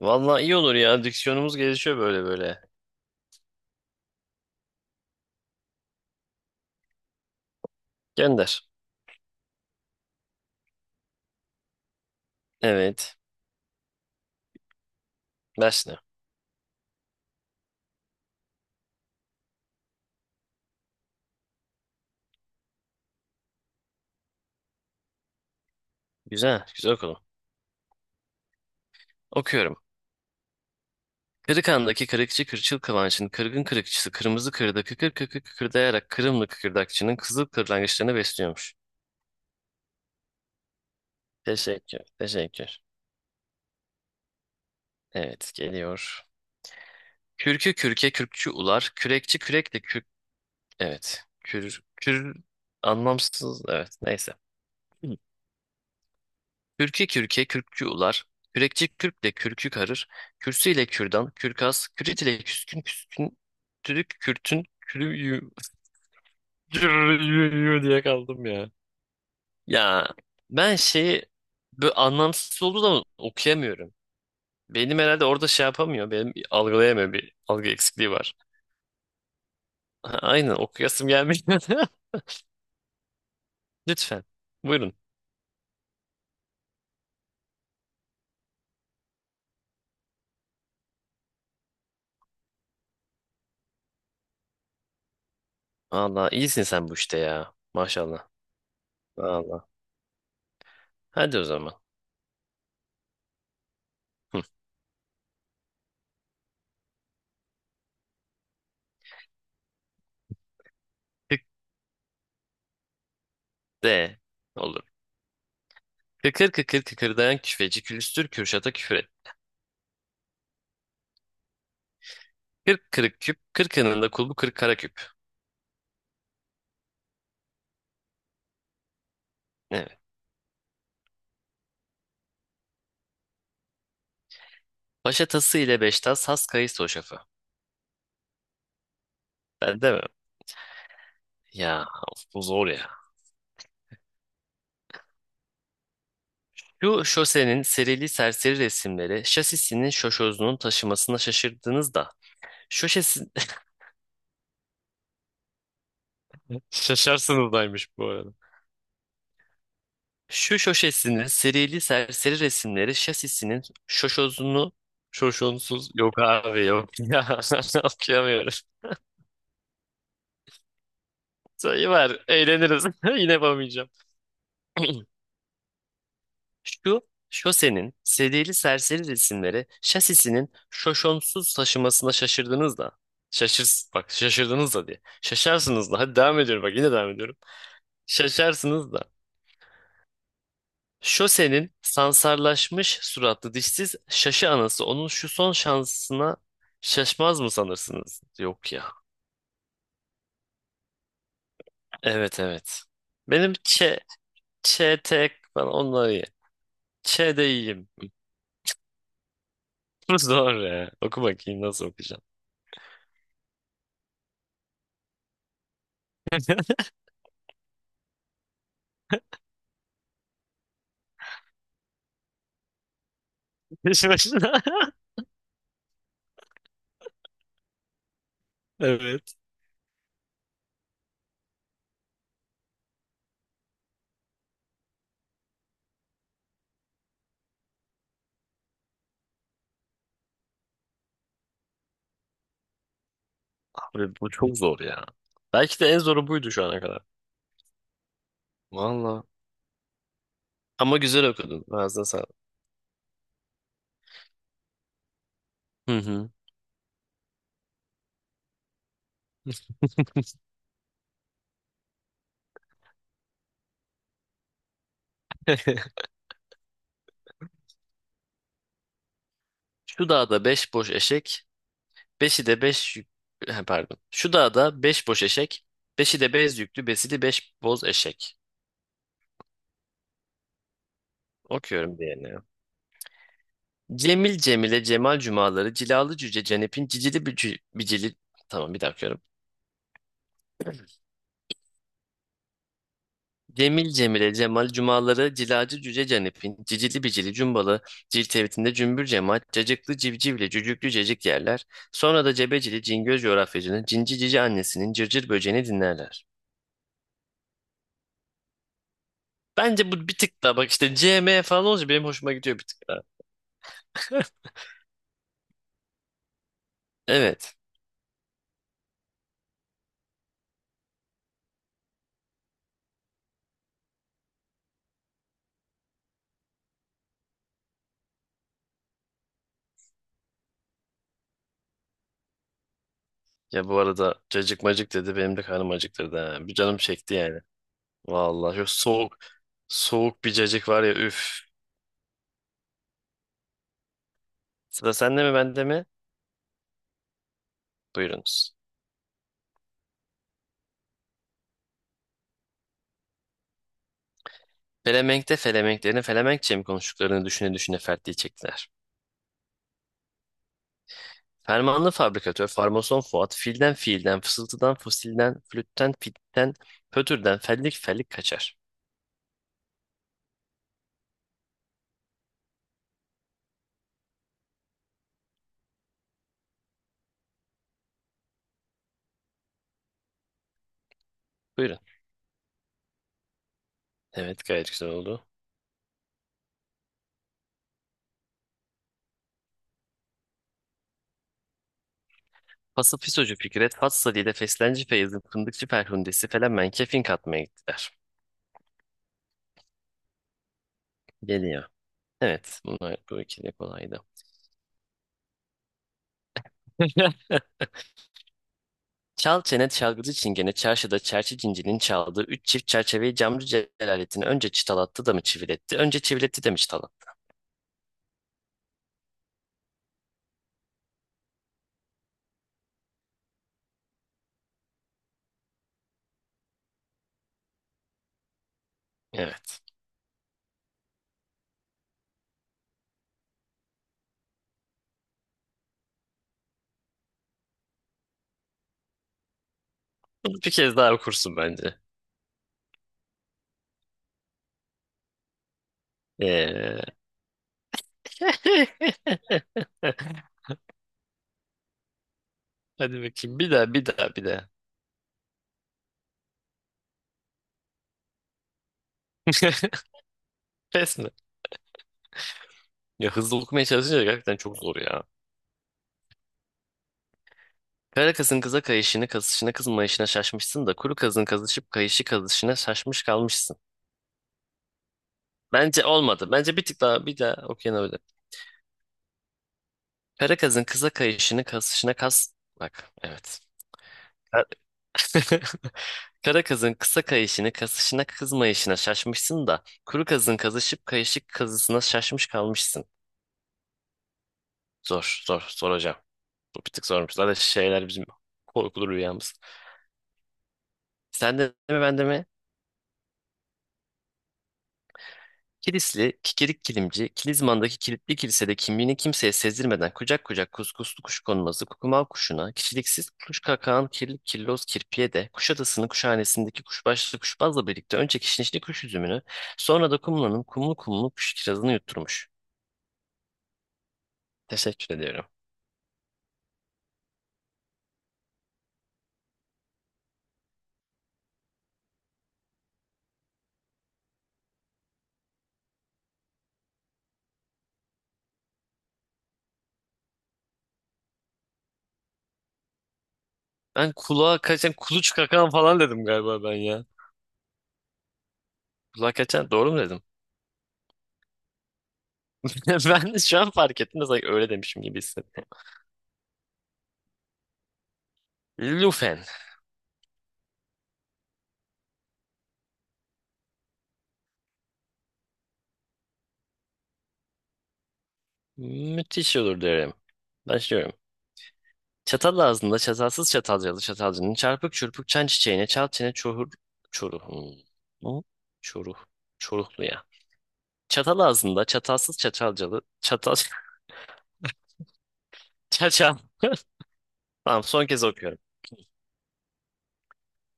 Vallahi iyi olur ya. Diksiyonumuz gelişiyor böyle böyle. Gönder. Evet. Ders ne? Güzel. Güzel okudum. Okuyorum. Kırıkhan'daki kırıkçı kırçıl kıvanç'ın kırgın kırıkçısı kırmızı kırda kıkır kıkır kıkırdayarak Kırımlı kıkırdakçının kızıl kırlangıçlarını besliyormuş. Teşekkür. Teşekkür. Evet geliyor. Kürkü kürke kürkçü ular. Kürekçi kürek de kürk. Evet. Kür. Kür. Anlamsız. Evet. Neyse. Kürkü kürke kürkçü ular, kürekçi kürkle kürkü karır, kürsü ile kürdan, kürkas, kürit ile küskün küskün, türük kürtün, kürüyü, kürüyü diye kaldım ya. Ya ben şeyi böyle anlamsız olduğu zaman okuyamıyorum. Benim herhalde orada şey yapamıyor, benim algılayamıyor bir algı eksikliği var. Ha, aynen okuyasım gelmiyor. Lütfen buyurun. Valla iyisin sen bu işte ya maşallah. Valla hadi o zaman. Hı. Tık de olur. Kıkır kıkır kıkırdayan küfeci külüstür Kürşat'a küfür et. Kırk kırık küp, kırkının da kulbu kırk kara küp. Evet. Paşa tası ile beş tas, has kayısı o şafı. Ben de mi? Ya of, bu zor ya. Şu şosenin serili serseri resimleri şasisinin şoşozunun taşımasına şaşırdınız da. Şoşesin... Şaşarsınız daymış bu arada. Şu şoşesinin serili serseri resimleri şasisinin şoşozunu şoşonsuz yok abi yok ya okuyamıyorum. Sayı var, eğleniriz. Yine yapamayacağım. Şu şosenin sediyeli serseri resimleri şasisinin şoşonsuz taşımasına şaşırdınız da. Şaşır, bak şaşırdınız da diye. Şaşarsınız da. Hadi devam ediyorum bak yine devam ediyorum. Şaşarsınız da. Şosenin sansarlaşmış suratlı dişsiz şaşı anası onun şu son şansına şaşmaz mı sanırsınız? Yok ya. Evet evet. Benim ç, ç, tek falan onları ye. Ç de iyiyim. Bu zor ya. Oku bakayım nasıl okuyacaksın. Peşi başına. Evet. Abi bu çok zor ya. Belki de en zoru buydu şu ana kadar. Valla. Ama güzel okudun. Ağzına sağlık. Hı hı. Şu dağda beş boş eşek, beşi de beş yük... He, pardon. Şu dağda beş boş eşek, beşi de bez yüklü, besili beş boz eşek. Okuyorum diğerini. Ya. Cemil Cemile Cemal cumaları, cilalı cüce Cenep'in cicili bücü, bicili... Tamam bir dakika. Cemil Cemile Cemal cumaları cilacı cüce Canip'in cicili bicili cumbalı cilt evitinde cümbür cemaat cacıklı civcivle cücüklü cecik yerler. Sonra da cebecili cingöz coğrafyacının cinci cici annesinin cırcır böceğini dinlerler. Bence bu bir tık daha, bak işte CM falan olunca benim hoşuma gidiyor bir tık daha. Evet. Ya bu arada cacık macık dedi, benim de karnım acıktırdı ha. Bir canım çekti yani. Vallahi şu soğuk bir cacık var ya, üf. Sıra sende mi bende mi? Buyurunuz. Felemenk'te Felemenklerin Felemenkçe mi konuştuklarını düşüne düşüne fertliği çektiler. Fermanlı fabrikatör, farmason Fuat, filden fiilden, fısıltıdan fosilden, flütten fitten, pötürden fellik fellik kaçar. Buyurun. Evet, gayet güzel oldu. Pası fisocu Fikret, Fat Sali'de feslenci Feyyaz'ın fındıkçı Ferhundesi Felemenk'e fink atmaya gittiler. Geliyor. Evet, bunlar bu ikili kolaydı. Çal çene çalgıcı çingene çarşıda çerçi cincinin çaldığı üç çift çerçeveyi camcı Celalettin önce çıtalattı da mı çiviletti, önce çiviletti de mi çıtalattı? Evet. Bunu bir kez daha okursun bence. Ee, hadi bakayım. Bir daha. Pes mi? Ya hızlı okumaya çalışınca gerçekten çok zor ya. Kara kızın kıza kayışını, kazışına, kızmayışına şaşmışsın da kuru kızın kazışıp kayışı kazışına şaşmış kalmışsın. Bence olmadı. Bence bir tık daha, bir daha okuyana öyle. Kara kızın kıza kayışını, kazışına, kaz... Bak, evet. Kara kazın kısa kayışını kasışına kızmayışına şaşmışsın da kuru kazın kazışıp kayışık kazısına şaşmış kalmışsın. Zor hocam. Bu bir tık zormuş. Zaten şeyler bizim korkulu rüyamız. Sen de mi ben de mi? Kilisli, kikirik kilimci, Kilizman'daki kilitli kilisede kimliğini kimseye sezdirmeden kucak kucak kuskuslu kuş konması kukumav kuşuna, kişiliksiz kuş kakağın kirli kirloz kirpiye de Kuşadası'nın kuşhanesindeki kuşbaşlı kuşbazla birlikte önce kişnişli kuş üzümünü, sonra da kumlanın kumlu kumlu kuş kirazını yutturmuş. Teşekkür ediyorum. Ben kulağa kaçan kuluç kakan falan dedim galiba ben ya. Kulağa kaçan doğru mu dedim? Ben de şu an fark ettim de sanki öyle demişim gibi hissettim. Lufen. Müthiş olur derim. Başlıyorum. Çatal ağzında çatalsız çatalcalı çatalcının çarpık çırpık çan çiçeğine çal çene çoruh çoruh. Hmm. Bu Çoruh. Çoruhlu ya. Çatal ağzında çatalsız çatalcalı çatal çaçal. Tamam, son kez okuyorum.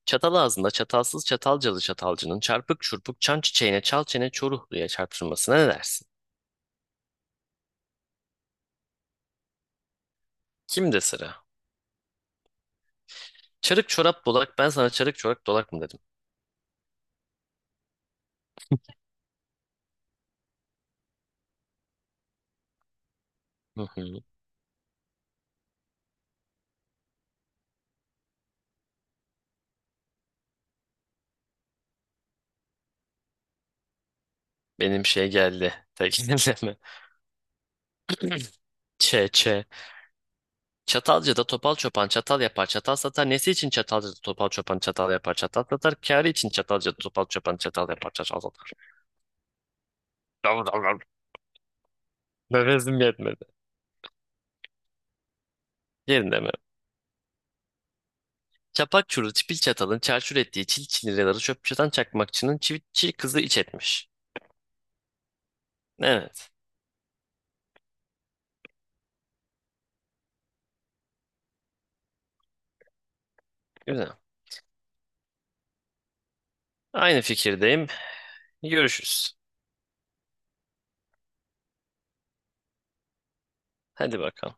Çatal ağzında çatalsız çatalcalı çatalcının çarpık çurpuk çan çiçeğine çal çene çoruhluya çarpışmasına ne dersin? Kimde sıra? Çarık çorap dolak, ben sana çarık çorak dolak mı dedim? Hı hı. Benim şey geldi. Tekinleme. Çe çe. Çatalcı da topal çopan çatal yapar çatal satar. Nesi için çatalcı da topal çopan çatal yapar çatal satar. Kârı için çatalcı da topal çopan çatal yapar çatal satar. Dav. Nefesim yetmedi. Yerinde mi? Çapak çuru çipil çatalın çarçur ettiği çil çiniraları çöp çatan çakmakçının çivitçi kızı iç etmiş. Evet. Güzel. Aynı fikirdeyim. Görüşürüz. Hadi bakalım.